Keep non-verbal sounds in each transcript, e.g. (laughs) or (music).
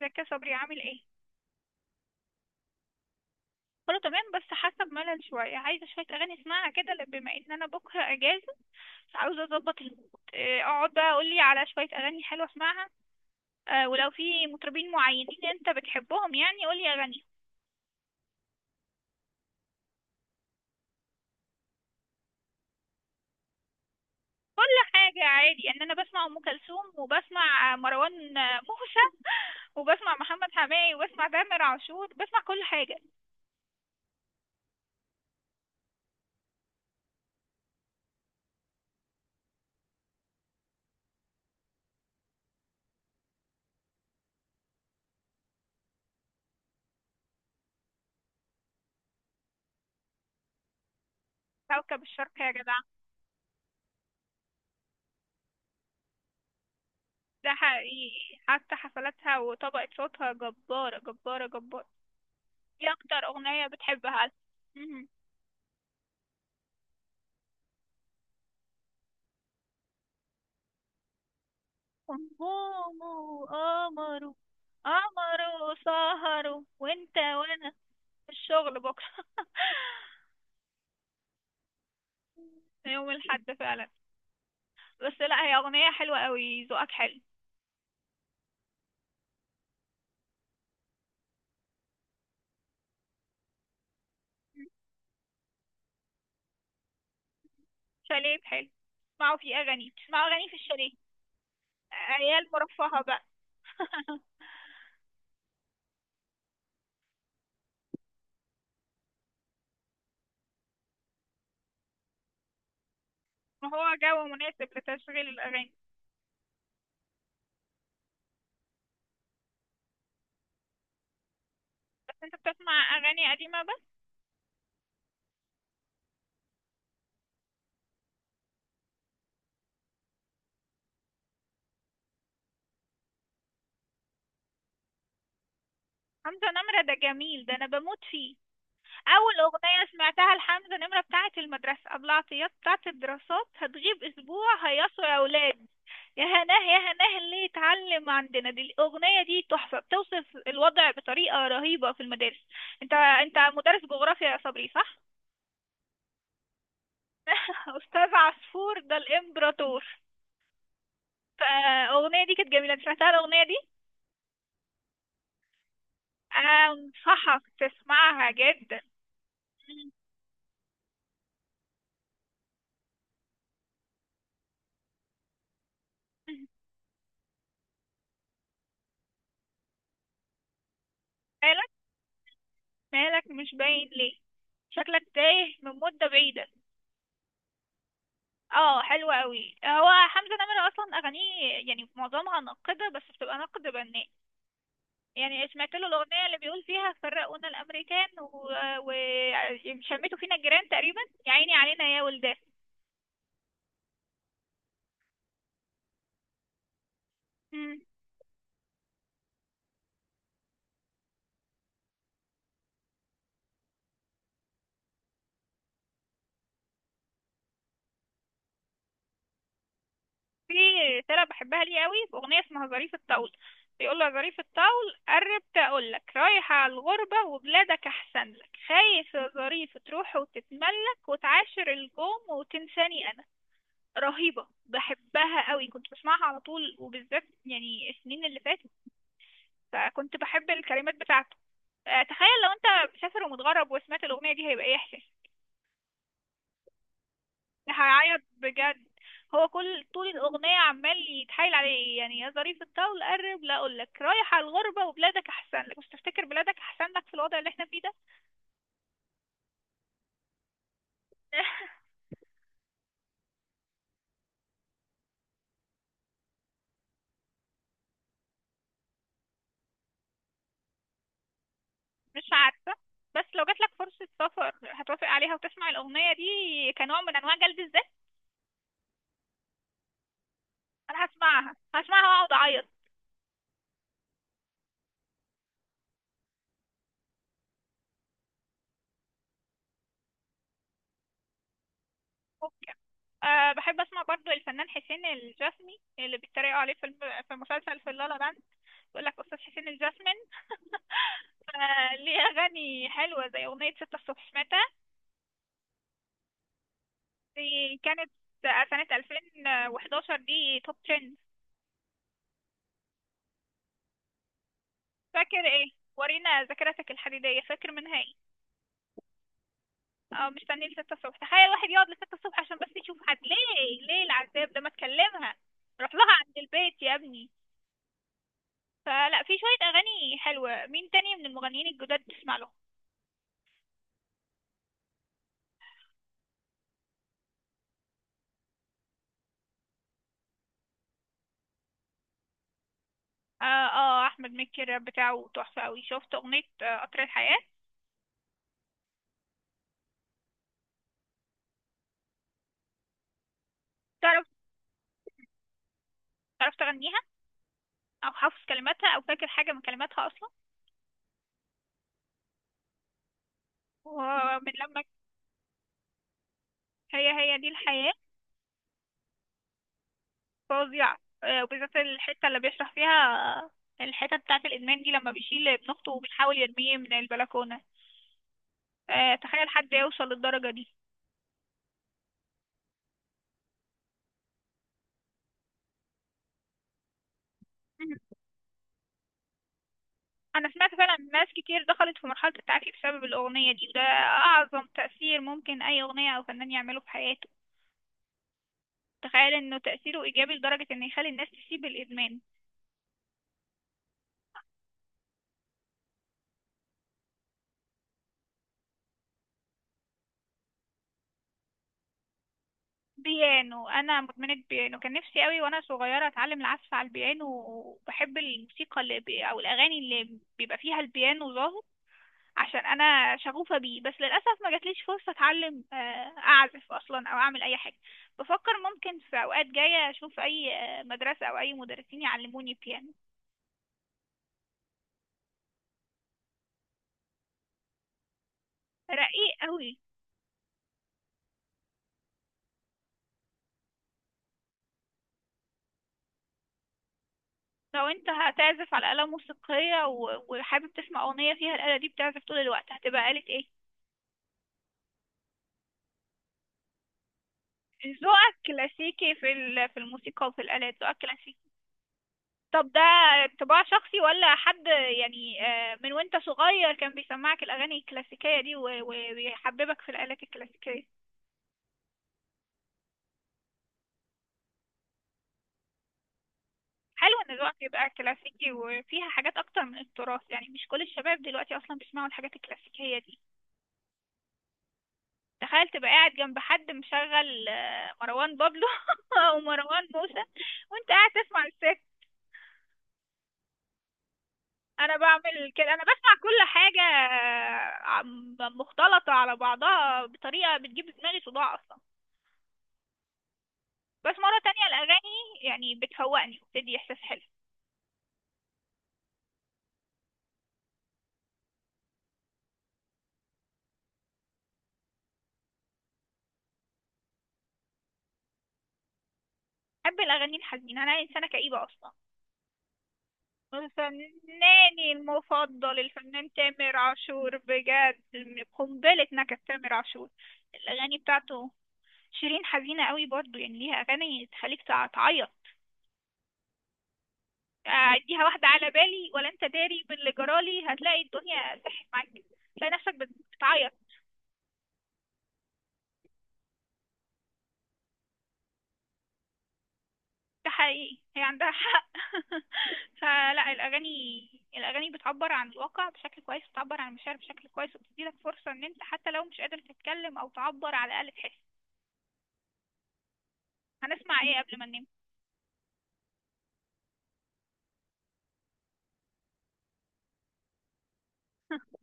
ازيك يا صبري؟ عامل ايه؟ كله تمام بس حاسه بملل شويه، عايزه شويه اغاني اسمعها كده. بما ان انا بكره اجازه، عاوزه اظبط المود. اقعد بقى قولي على شويه اغاني حلوه اسمعها. ولو في مطربين معينين انت بتحبهم، يعني قولي اغاني. كل حاجه عادي، ان انا بسمع ام كلثوم وبسمع مروان موسى. (laughs) وبسمع محمد حماقي وبسمع تامر عاشور، بسمع كل حاجه. كوكب الشرق يا جدع. ده حقيقي، حتى حفلاتها وطبقة صوتها جبارة جبارة جبارة. ايه اكتر اغنية بتحبها؟ مهم. همومه قمره. قمره سهره وانت وانا في الشغل بكرة. (laughs) يوم الحد فعلا. بس لا، هي اغنية حلوة قوي، ذوقك حلو. مم. شاليه حلو. اسمعوا في اغاني، اسمعوا اغاني في الشاليه. عيال مرفهة بقى. (laughs) ما هو جو مناسب لتشغيل الاغاني. بس انت بتسمع اغاني قديمة بس؟ حمزة نمرة ده جميل، ده انا بموت فيه. اول اغنيه سمعتها لحمزه نمره بتاعه المدرسه، ابو العطيات بتاعه الدراسات، هتغيب اسبوع هيسوا يا اولاد، يا هناه يا هناه اللي يتعلم عندنا. دي الاغنيه دي تحفه، بتوصف الوضع بطريقه رهيبه في المدارس. انت مدرس جغرافيا يا صبري صح؟ (laughs) استاذ عصفور ده الامبراطور. فالاغنيه دي كانت جميله، أنت سمعتها الاغنيه دي؟ انصحك تسمعها جدا. مالك؟ مالك مش باين ليه؟ شكلك تايه من مده بعيده. اه حلو قوي، هو حمزة نمرة اصلا اغانيه يعني معظمها ناقدة بس بتبقى نقد بناء. يعني سمعت له الاغنية اللي بيقول فيها فرقونا الامريكان وشمتوا فينا الجيران تقريبا، يا عيني علينا يا ولدان. مم. في رسالة بحبها ليه قوي في اغنية اسمها ظريف الطول. بيقول له يا ظريف الطول قربت اقول لك رايحة على الغربة وبلادك احسن لك، خايف يا ظريف تروح وتتملك وتعاشر الجوم وتنساني انا. رهيبة، بحبها قوي، كنت بسمعها على طول وبالذات يعني السنين اللي فاتت. فكنت بحب الكلمات بتاعته. تخيل لو انت مسافر ومتغرب وسمعت الأغنية دي، هيبقى ايه احساسك؟ هعيط بجد. هو كل طول الأغنية عمال يتحايل عليه، يعني يا ظريف الطول قرب لا أقول لك رايح على الغربة وبلادك أحسن لك، مش تفتكر بلادك أحسن لك في الوضع اللي احنا فيه ده؟ (laughs) مش عارفة. بس لو جاتلك فرصة سفر، هتوافق عليها وتسمع الأغنية دي كنوع من أنواع جلد الذات؟ أنا هسمعها، هسمعها وأقعد أعيط. ممكن. أه بحب اسمع برضو الفنان حسين الجسمي، اللي بيتريقوا عليه في في مسلسل في اللالا لاند، بيقول لك استاذ حسين الجسمي ليه؟ (laughs) اغاني حلوه زي اغنيه ستة الصبح متى. دي كانت سنه 2011، دي توب 10. فاكر ايه؟ ورينا ذاكرتك الحديديه، فاكر منها ايه؟ اه مستني لستة الصبح، تخيل واحد يقعد لستة الصبح عشان بس يشوف حد، ليه ليه العذاب ده؟ ما تكلمها، روح لها عند البيت يا ابني. فلا، في شوية أغاني حلوة. مين تاني من المغنيين الجداد تسمع لهم؟ آه أحمد مكي الراب بتاعه تحفة أوي، شفت أغنية قطر الحياة؟ تعرف، تعرف تغنيها؟ أو حافظ كلماتها، أو فاكر حاجة من كلماتها أصلا؟ ومن لما هي هي دي الحياة. فظيعة، آه، وبالذات الحتة اللي بيشرح فيها الحتة بتاعة الإدمان دي، لما بيشيل ابن أخته وبيحاول يرميه من البلكونة. آه تخيل حد يوصل للدرجة دي. انا سمعت فعلا ناس كتير دخلت في مرحلة التعافي بسبب الاغنية دي، وده اعظم تأثير ممكن اي اغنية او فنان يعمله في حياته. تخيل انه تأثيره ايجابي لدرجة انه يخلي الناس تسيب الادمان. بيانو، انا مدمنة بيانو، كان نفسي قوي وانا صغيرة اتعلم العزف على البيانو، وبحب الموسيقى او الاغاني اللي بيبقى فيها البيانو ظاهر، عشان انا شغوفه بيه. بس للاسف ما جاتليش فرصه اتعلم اعزف اصلا او اعمل اي حاجه. بفكر ممكن في اوقات جايه اشوف اي مدرسه او اي مدرسين يعلموني بيانو. رقيق قوي. لو انت هتعزف على آلة موسيقية وحابب تسمع أغنية فيها الآلة دي بتعزف طول الوقت، هتبقى آلة ايه؟ ذوقك كلاسيكي في في الموسيقى وفي الآلات، ذوقك كلاسيكي. طب ده طباع شخصي ولا حد، يعني من وانت صغير كان بيسمعك الأغاني الكلاسيكية دي ويحببك في الآلات الكلاسيكية؟ حلو ان ذوقك يبقى كلاسيكي وفيها حاجات اكتر من التراث، يعني مش كل الشباب دلوقتي اصلا بيسمعوا الحاجات الكلاسيكية دي. تخيل تبقى قاعد جنب حد مشغل مروان بابلو (laughs) او مروان موسى وانت قاعد تسمع الست. انا بعمل كده، انا بسمع كل حاجة مختلطة على بعضها بطريقة بتجيب دماغي صداع اصلا. بس مرة تانية الأغاني يعني بتفوقني وبتدي إحساس حلو. بحب الأغاني الحزينة، أنا إنسانة كئيبة أصلا. فناني المفضل الفنان تامر عاشور، بجد قنبلة نكد تامر عاشور. الأغاني بتاعته، شيرين حزينة قوي برضو، يعني ليها أغاني تخليك تعيط. أديها واحدة، على بالي ولا أنت داري باللي جرالي، هتلاقي الدنيا سحت معاك، تلاقي نفسك بتعيط. ده حقيقي، هي عندها حق. (laughs) فلا الأغاني، الأغاني بتعبر عن الواقع بشكل كويس، بتعبر عن المشاعر بشكل كويس، وبتديلك فرصة إن أنت حتى لو مش قادر تتكلم أو تعبر على الأقل تحس. هنسمع إيه قبل ما ننام؟ (laughs)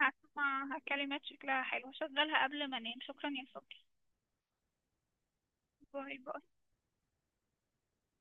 هسمع كلمات شكلها حلو، هشغلها قبل ما أنام. شكرا يا صبري. باي باي.